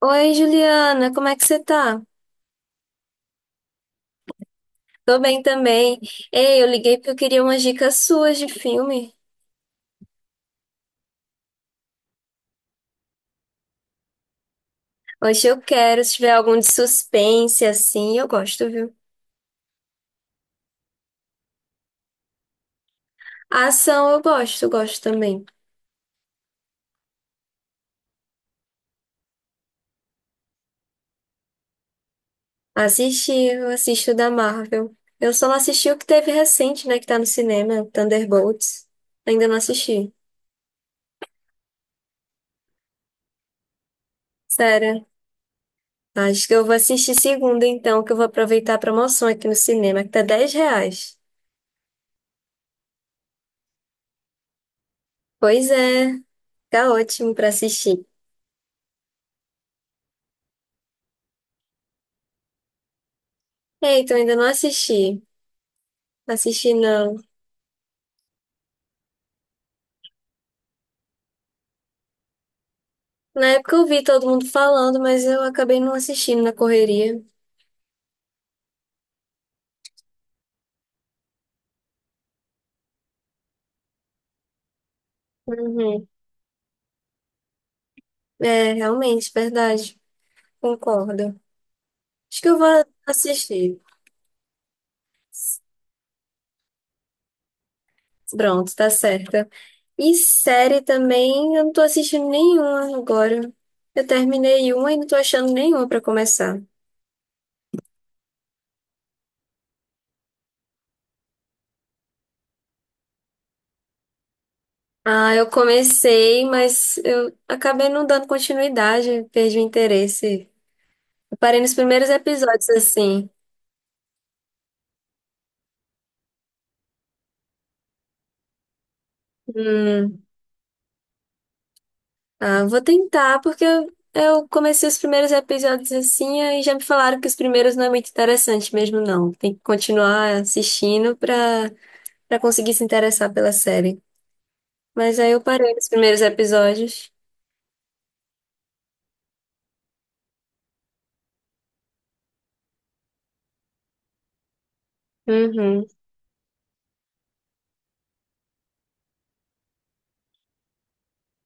Oi, Juliana, como é que você tá? Tô bem também. Ei, eu liguei porque eu queria umas dicas suas de filme. Hoje eu quero, se tiver algum de suspense assim, eu gosto, viu? Ação eu gosto também. Assisti, eu assisto da Marvel. Eu só não assisti o que teve recente, né, que tá no cinema, Thunderbolts. Ainda não assisti. Sério. Acho que eu vou assistir segunda então, que eu vou aproveitar a promoção aqui no cinema, que tá R$ 10. Pois é, tá ótimo pra assistir. Eita, eu ainda não assisti. Assisti não. Na época eu vi todo mundo falando, mas eu acabei não assistindo na correria. Uhum. É, realmente, verdade. Concordo. Acho que eu vou assistir. Pronto, tá certa. E série também, eu não tô assistindo nenhuma agora. Eu terminei uma e não tô achando nenhuma pra começar. Ah, eu comecei, mas eu acabei não dando continuidade, perdi o interesse. Eu parei nos primeiros episódios, assim. Hum. Ah, vou tentar, porque eu comecei os primeiros episódios assim, aí já me falaram que os primeiros não é muito interessante mesmo, não. Tem que continuar assistindo pra, pra conseguir se interessar pela série. Mas aí eu parei nos primeiros episódios. Uhum.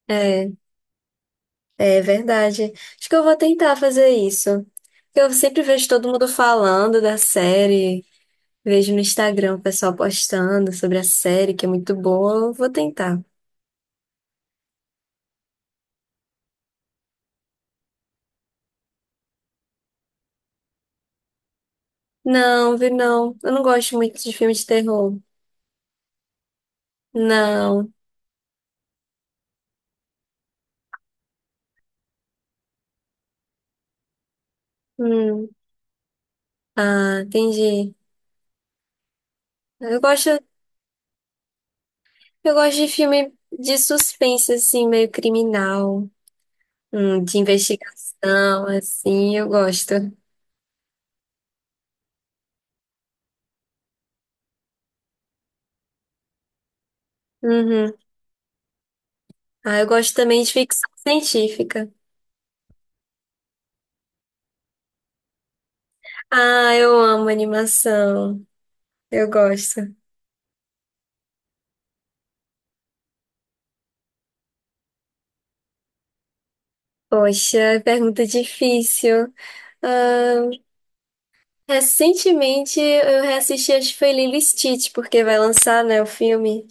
É, é verdade. Acho que eu vou tentar fazer isso. Eu sempre vejo todo mundo falando da série, vejo no Instagram o pessoal postando sobre a série, que é muito boa. Eu vou tentar. Não, vi não. Eu não gosto muito de filme de terror. Não. Hum. Ah, entendi. Eu gosto, eu gosto de filme de suspense, assim, meio criminal, de investigação, assim, eu gosto. Uhum. Ah, eu gosto também de ficção científica. Ah, eu amo animação. Eu gosto. Poxa, pergunta difícil. Ah, recentemente eu reassisti, acho que foi Lilo e Stitch, porque vai lançar, né, o filme.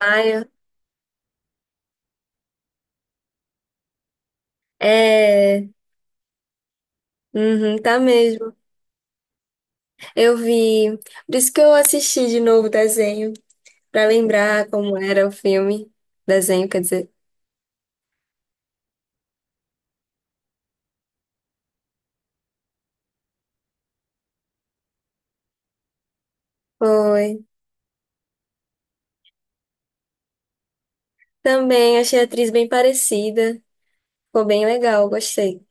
Ah, eu- É. Uhum, tá mesmo. Eu vi. Por isso que eu assisti de novo o desenho, pra lembrar como era o filme. Desenho, quer dizer. Foi. Também achei a atriz bem parecida. Ficou bem legal, gostei.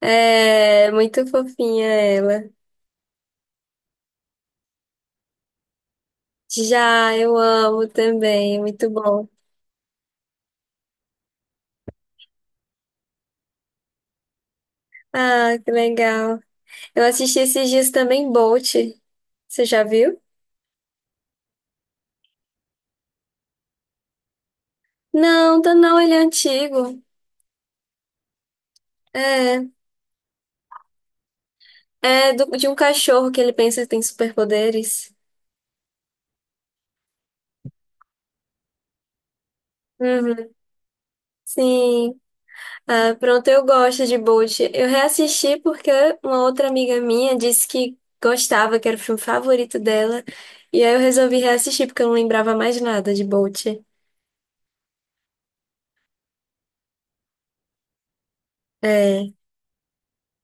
É, muito fofinha ela. Já, eu amo também, muito bom. Ah, que legal. Eu assisti esses dias também Bolt. Você já viu? Não, tá não, ele é antigo. É, de um cachorro que ele pensa que tem superpoderes. Uhum. Sim. Ah, pronto, eu gosto de Bolt. Eu reassisti porque uma outra amiga minha disse que gostava, que era o filme favorito dela. E aí eu resolvi reassistir porque eu não lembrava mais nada de Bolt. É,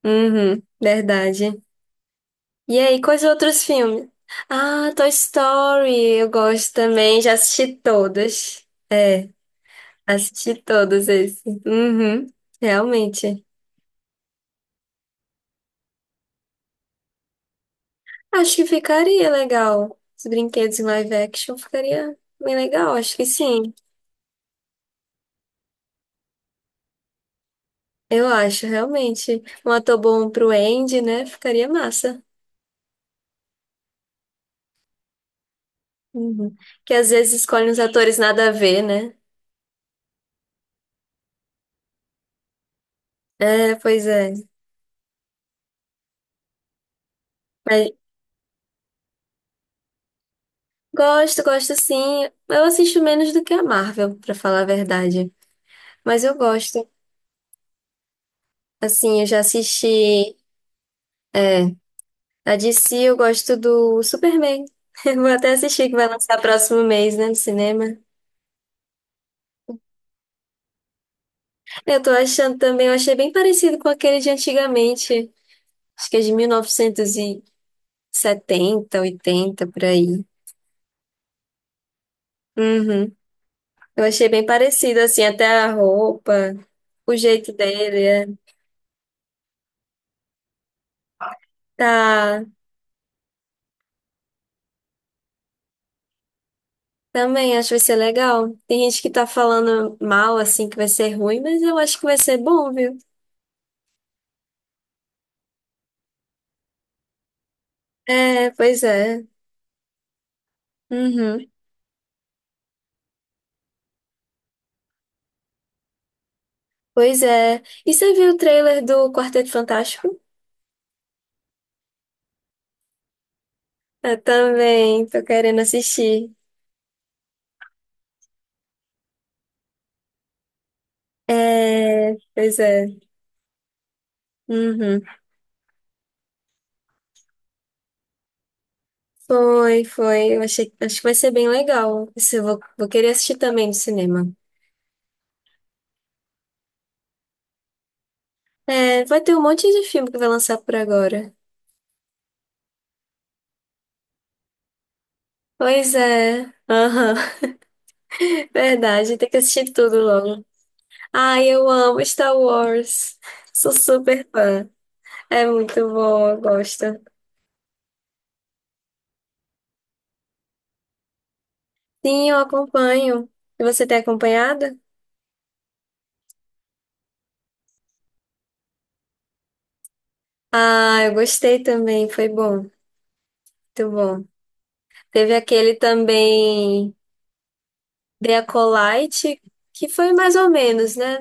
uhum, verdade. E aí, quais outros filmes? Ah, Toy Story, eu gosto também, já assisti todos. É, assisti todos esses. Uhum, realmente. Acho que ficaria legal. Os brinquedos em live action ficaria bem legal, acho que sim. Eu acho, realmente. Um ator bom pro Andy, né? Ficaria massa. Uhum. Que às vezes escolhe uns atores nada a ver, né? É, pois é. Mas gosto, gosto sim. Eu assisto menos do que a Marvel, pra falar a verdade. Mas eu gosto. Assim, eu já assisti. É, a DC eu gosto do Superman. Eu vou até assistir que vai lançar próximo mês, né, no cinema. Eu tô achando também, eu achei bem parecido com aquele de antigamente. Acho que é de 1970, 80 por aí. Uhum. Eu achei bem parecido, assim, até a roupa, o jeito dele. É. Tá, também acho que vai ser legal. Tem gente que tá falando mal, assim, que vai ser ruim, mas eu acho que vai ser bom, viu? É, pois é. Uhum. Pois é. E você viu o trailer do Quarteto Fantástico? Eu também, tô querendo assistir. É, pois é. Uhum. Foi, foi. Eu achei, acho que vai ser bem legal. Isso. Eu vou querer assistir também no cinema. É, vai ter um monte de filme que vai lançar por agora. Pois é. Aham. Verdade, tem que assistir tudo logo. Ai, eu amo Star Wars. Sou super fã. É muito bom, eu gosto. Sim, eu acompanho. E você tem acompanhado? Ah, eu gostei também, foi bom. Muito bom. Teve aquele também, The Acolyte, que foi mais ou menos, né?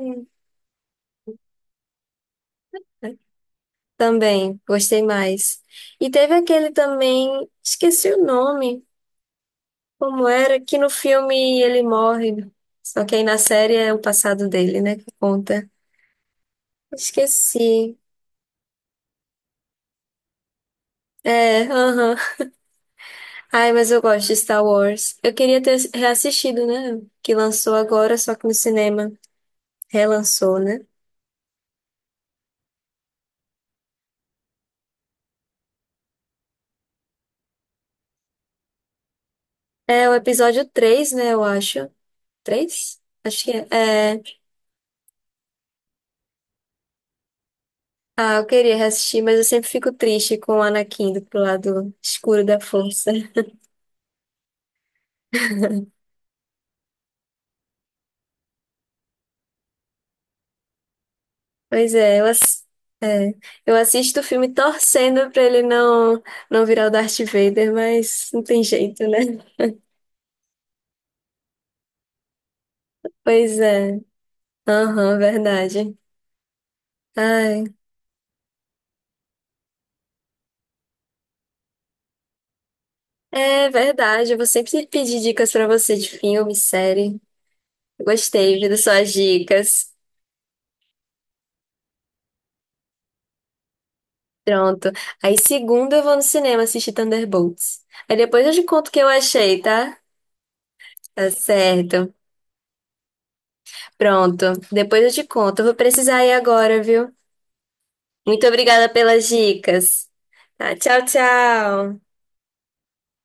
Também, gostei mais. E teve aquele também, esqueci o nome, como era, que no filme ele morre. Só que aí na série é o passado dele, né, que conta. Esqueci. É, aham. Ai, mas eu gosto de Star Wars. Eu queria ter reassistido, né? Que lançou agora, só que no cinema. Relançou, né? É o episódio 3 né, eu acho. Três Acho que é. É. Ah, eu queria reassistir, mas eu sempre fico triste com o Anakin do pro lado escuro da força. Pois é, é, eu assisto o filme torcendo pra ele não, não virar o Darth Vader, mas não tem jeito, né? Pois é. Aham, verdade. Ai, é verdade. Eu vou sempre pedir dicas pra você de filme, série. Gostei, viu, das suas dicas. Pronto. Aí, segunda, eu vou no cinema assistir Thunderbolts. Aí depois eu te conto o que eu achei, tá? Tá certo. Pronto. Depois eu te conto. Eu vou precisar ir agora, viu? Muito obrigada pelas dicas. Tá, tchau, tchau.